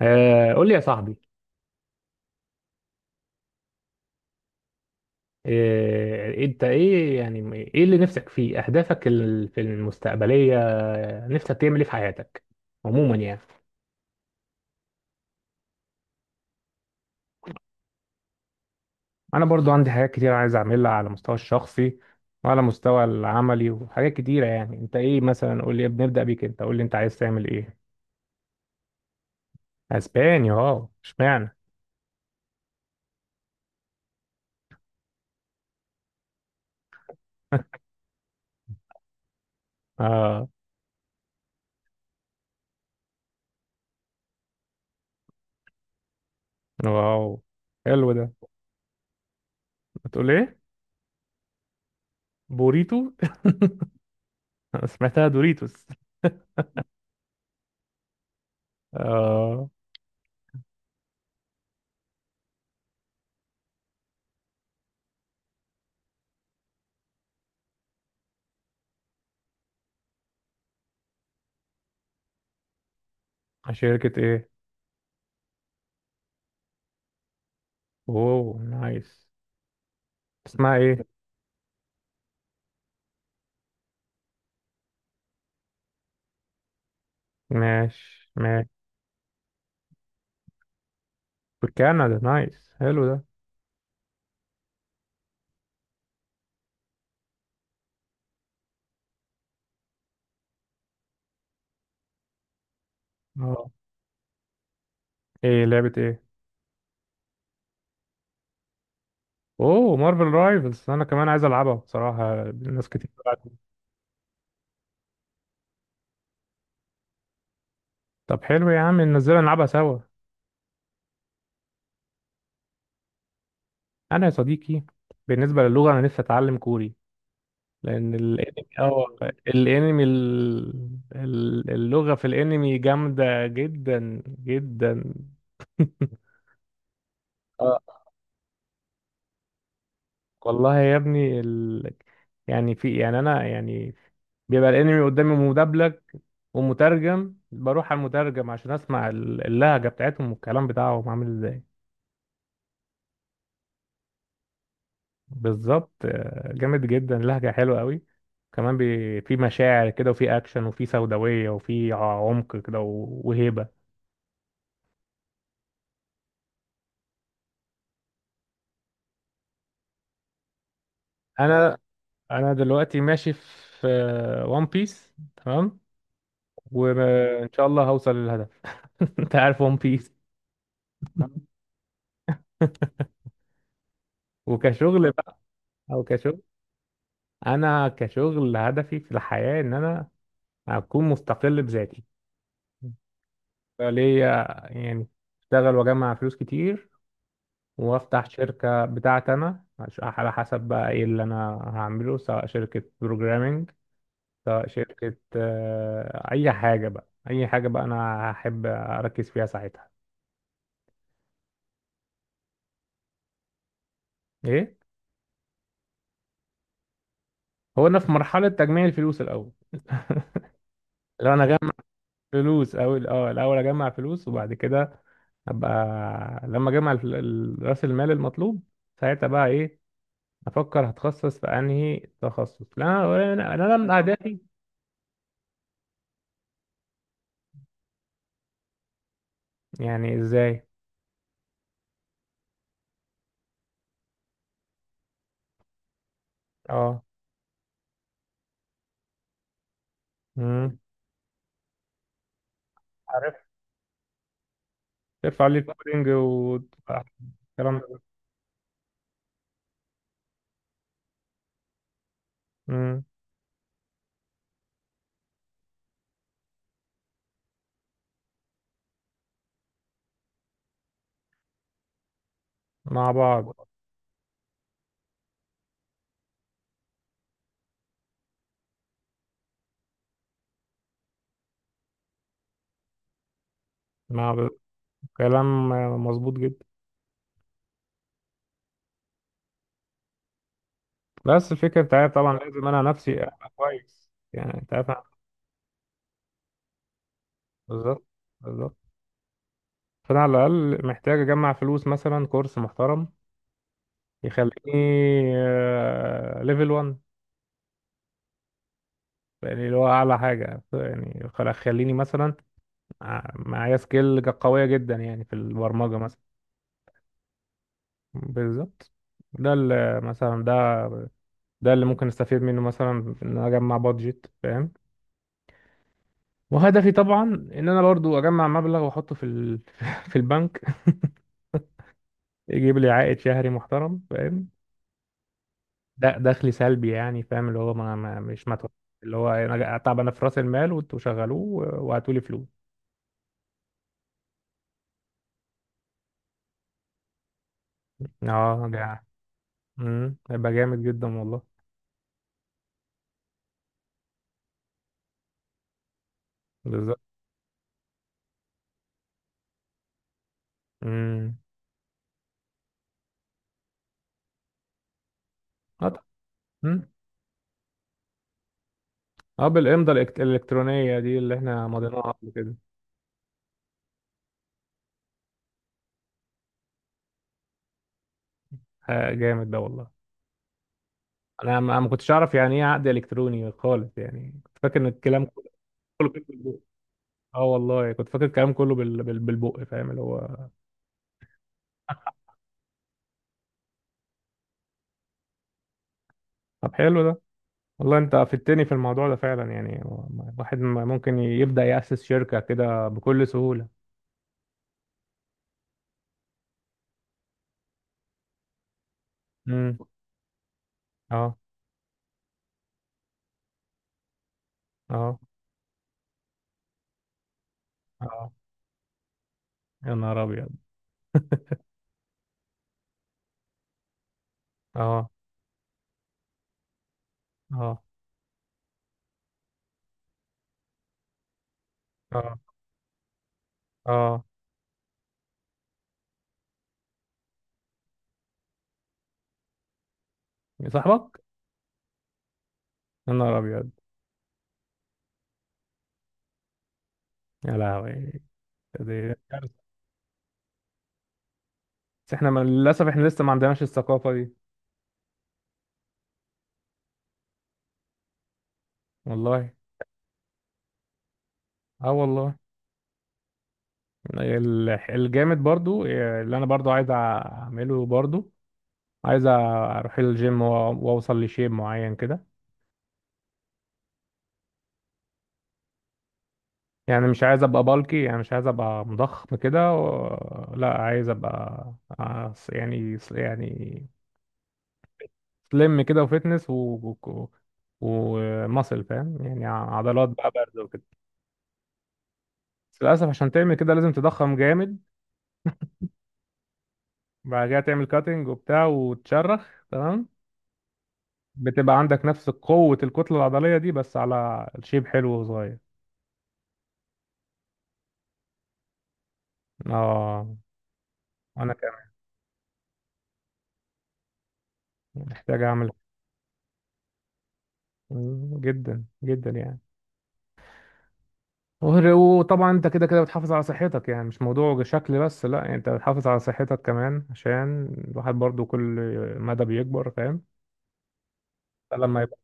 قول لي يا صاحبي. انت ايه؟ يعني ايه اللي نفسك فيه اهدافك في المستقبليه؟ نفسك تعمل ايه في حياتك عموما يعني؟ انا برضو عندي حاجات كتير عايز اعملها على المستوى الشخصي، وعلى المستوى العملي وحاجات كتيره. يعني انت ايه مثلا؟ قول لي، بنبدا بيك، انت قول لي انت عايز تعمل ايه؟ اسبانيا، اشمعنى؟ اه. واو، حلو ده. بتقول ايه؟ بوريتو. سمعتها دوريتوس. اه. شركه ايه؟ اوه، نايس. اسمها ايه؟ ماشي ماشي. في كندا، نايس، حلو ده. اه. ايه؟ لعبة ايه؟ اوه، مارفل رايفلز، انا كمان عايز العبها بصراحة، ناس كتير بتلعبها. طب حلو يا عم، ننزلها نلعبها سوا. انا يا صديقي، بالنسبة للغة انا نفسي اتعلم كوري، لان الانمي الانمي اللغة في الانمي جامدة جدا جدا. اه، والله يا ابني يعني في، يعني انا يعني بيبقى الانمي قدامي مدبلج ومترجم، بروح على المترجم عشان اسمع اللهجه بتاعتهم والكلام بتاعهم عامل ازاي. بالظبط، جامد جدا، لهجه حلوه قوي. كمان في مشاعر كده، وفي اكشن، وفي سوداويه، وفي عمق كده وهيبه. انا انا دلوقتي ماشي في ون بيس، تمام، وان شاء الله هوصل للهدف. انت عارف ون بيس. وكشغل بقى، او كشغل، انا كشغل هدفي في الحياه ان انا اكون مستقل بذاتي ليا، يعني اشتغل واجمع فلوس كتير وافتح شركة بتاعتي انا. على حسب بقى ايه اللي انا هعمله، سواء شركة بروجرامينج، سواء شركة اي حاجة بقى، اي حاجة بقى انا هحب اركز فيها ساعتها. ايه؟ هو انا في مرحلة تجميع الفلوس الاول. لو انا اجمع فلوس، او الاول اجمع فلوس وبعد كده ابقى، لما اجمع راس المال المطلوب، ساعتها بقى ايه، افكر هتخصص في انهي تخصص. لا انا، أنا من اهدافي. يعني ازاي؟ اه. امم. عارف، ترفع لي الكودينج والكلام، ده. امم. مع بعض. مع ب... كلام مظبوط جدا. بس الفكره بتاعتي طبعا لازم انا نفسي ابقى كويس، يعني انت عارف. بالظبط، بالظبط. فانا على الاقل محتاج اجمع فلوس، مثلا كورس محترم يخليني ليفل 1، يعني اللي هو اعلى حاجه، يعني خليني مثلا معايا سكيل قوية جدا يعني في البرمجة مثلا. بالظبط. ده اللي مثلا، ده ده اللي ممكن استفيد منه مثلا، ان انا اجمع بادجت، فاهم؟ وهدفي طبعا ان انا برضو اجمع مبلغ واحطه في في البنك، يجيب لي عائد شهري محترم، فاهم؟ ده دخلي سلبي، يعني فاهم، اللي هو ما مش متوقع، اللي هو انا طب انا في راس المال وانتوا شغلوه وهاتوا لي فلوس. اه. امم، هيبقى جامد جدا والله. بالظبط. امم. اه، بالإمضة الإلكترونية دي اللي احنا مضيناها قبل كده. جامد ده والله. انا ما أنا ما كنتش اعرف يعني ايه عقد الكتروني خالص، يعني كنت فاكر ان الكلام كله كده بالبق. اه والله، كنت فاكر الكلام كله بالبق، فاهم، اللي هو. طب حلو ده والله، انت افدتني في الموضوع ده فعلا. يعني واحد ممكن يبدأ يأسس شركة كده بكل سهولة. امم. اه. اه. اه. يا نهار ابيض. اه. اه. اه. اه. يا صاحبك. يا نهار ابيض. يا لهوي. دي. بس احنا، للاسف احنا لسه ما عندناش الثقافه دي. والله. اه والله. الجامد برضو اللي انا برضو عايز اعمله برضو، عايز اروح الجيم واوصل لشيب معين كده، يعني مش عايز ابقى بالكي، يعني مش عايز ابقى مضخم كده لا، عايز ابقى يعني يعني سليم كده وفتنس و... وماسل، فاهم؟ يعني عضلات بقى برضه وكده. بس للاسف عشان تعمل كده لازم تضخم جامد، بعد كده تعمل كاتنج وبتاع وتشرخ، تمام، بتبقى عندك نفس قوة الكتلة العضلية دي بس على شيب حلو وصغير. اه. انا كمان محتاج اعمل. جدا جدا يعني. وطبعا انت كده كده بتحافظ على صحتك، يعني مش موضوع شكل بس، لا يعني انت بتحافظ على صحتك كمان عشان الواحد برضو كل مدى بيكبر، فاهم. فلما يبقى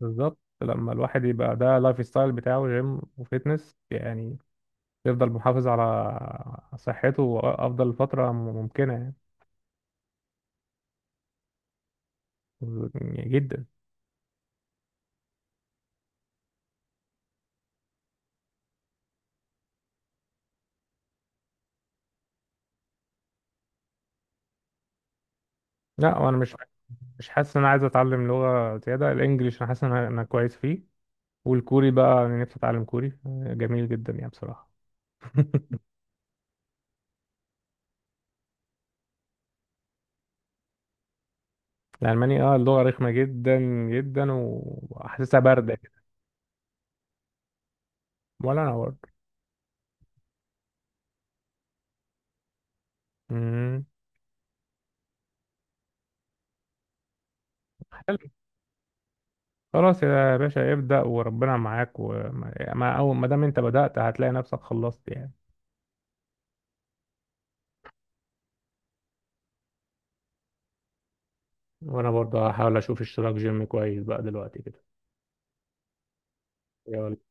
بالظبط لما الواحد يبقى ده لايف ستايل بتاعه جيم وفيتنس، يعني يفضل محافظ على صحته افضل فتره ممكنه، يعني جدا. لا، وانا مش حاسس ان انا عايز اتعلم لغه زياده، الانجليش انا حاسس ان انا كويس فيه، والكوري بقى انا نفسي اتعلم كوري، جميل جدا يعني بصراحه. الالماني، اللغه رخمه جدا جدا، وحاسسها بارده كده. ولا انا برضه. مم. حلو. خلاص يا باشا، ابدأ وربنا معاك، وما ما- أول ما دام أنت بدأت هتلاقي نفسك خلصت يعني. وأنا برضه هحاول أشوف اشتراك جيم كويس بقى دلوقتي كده. يلا.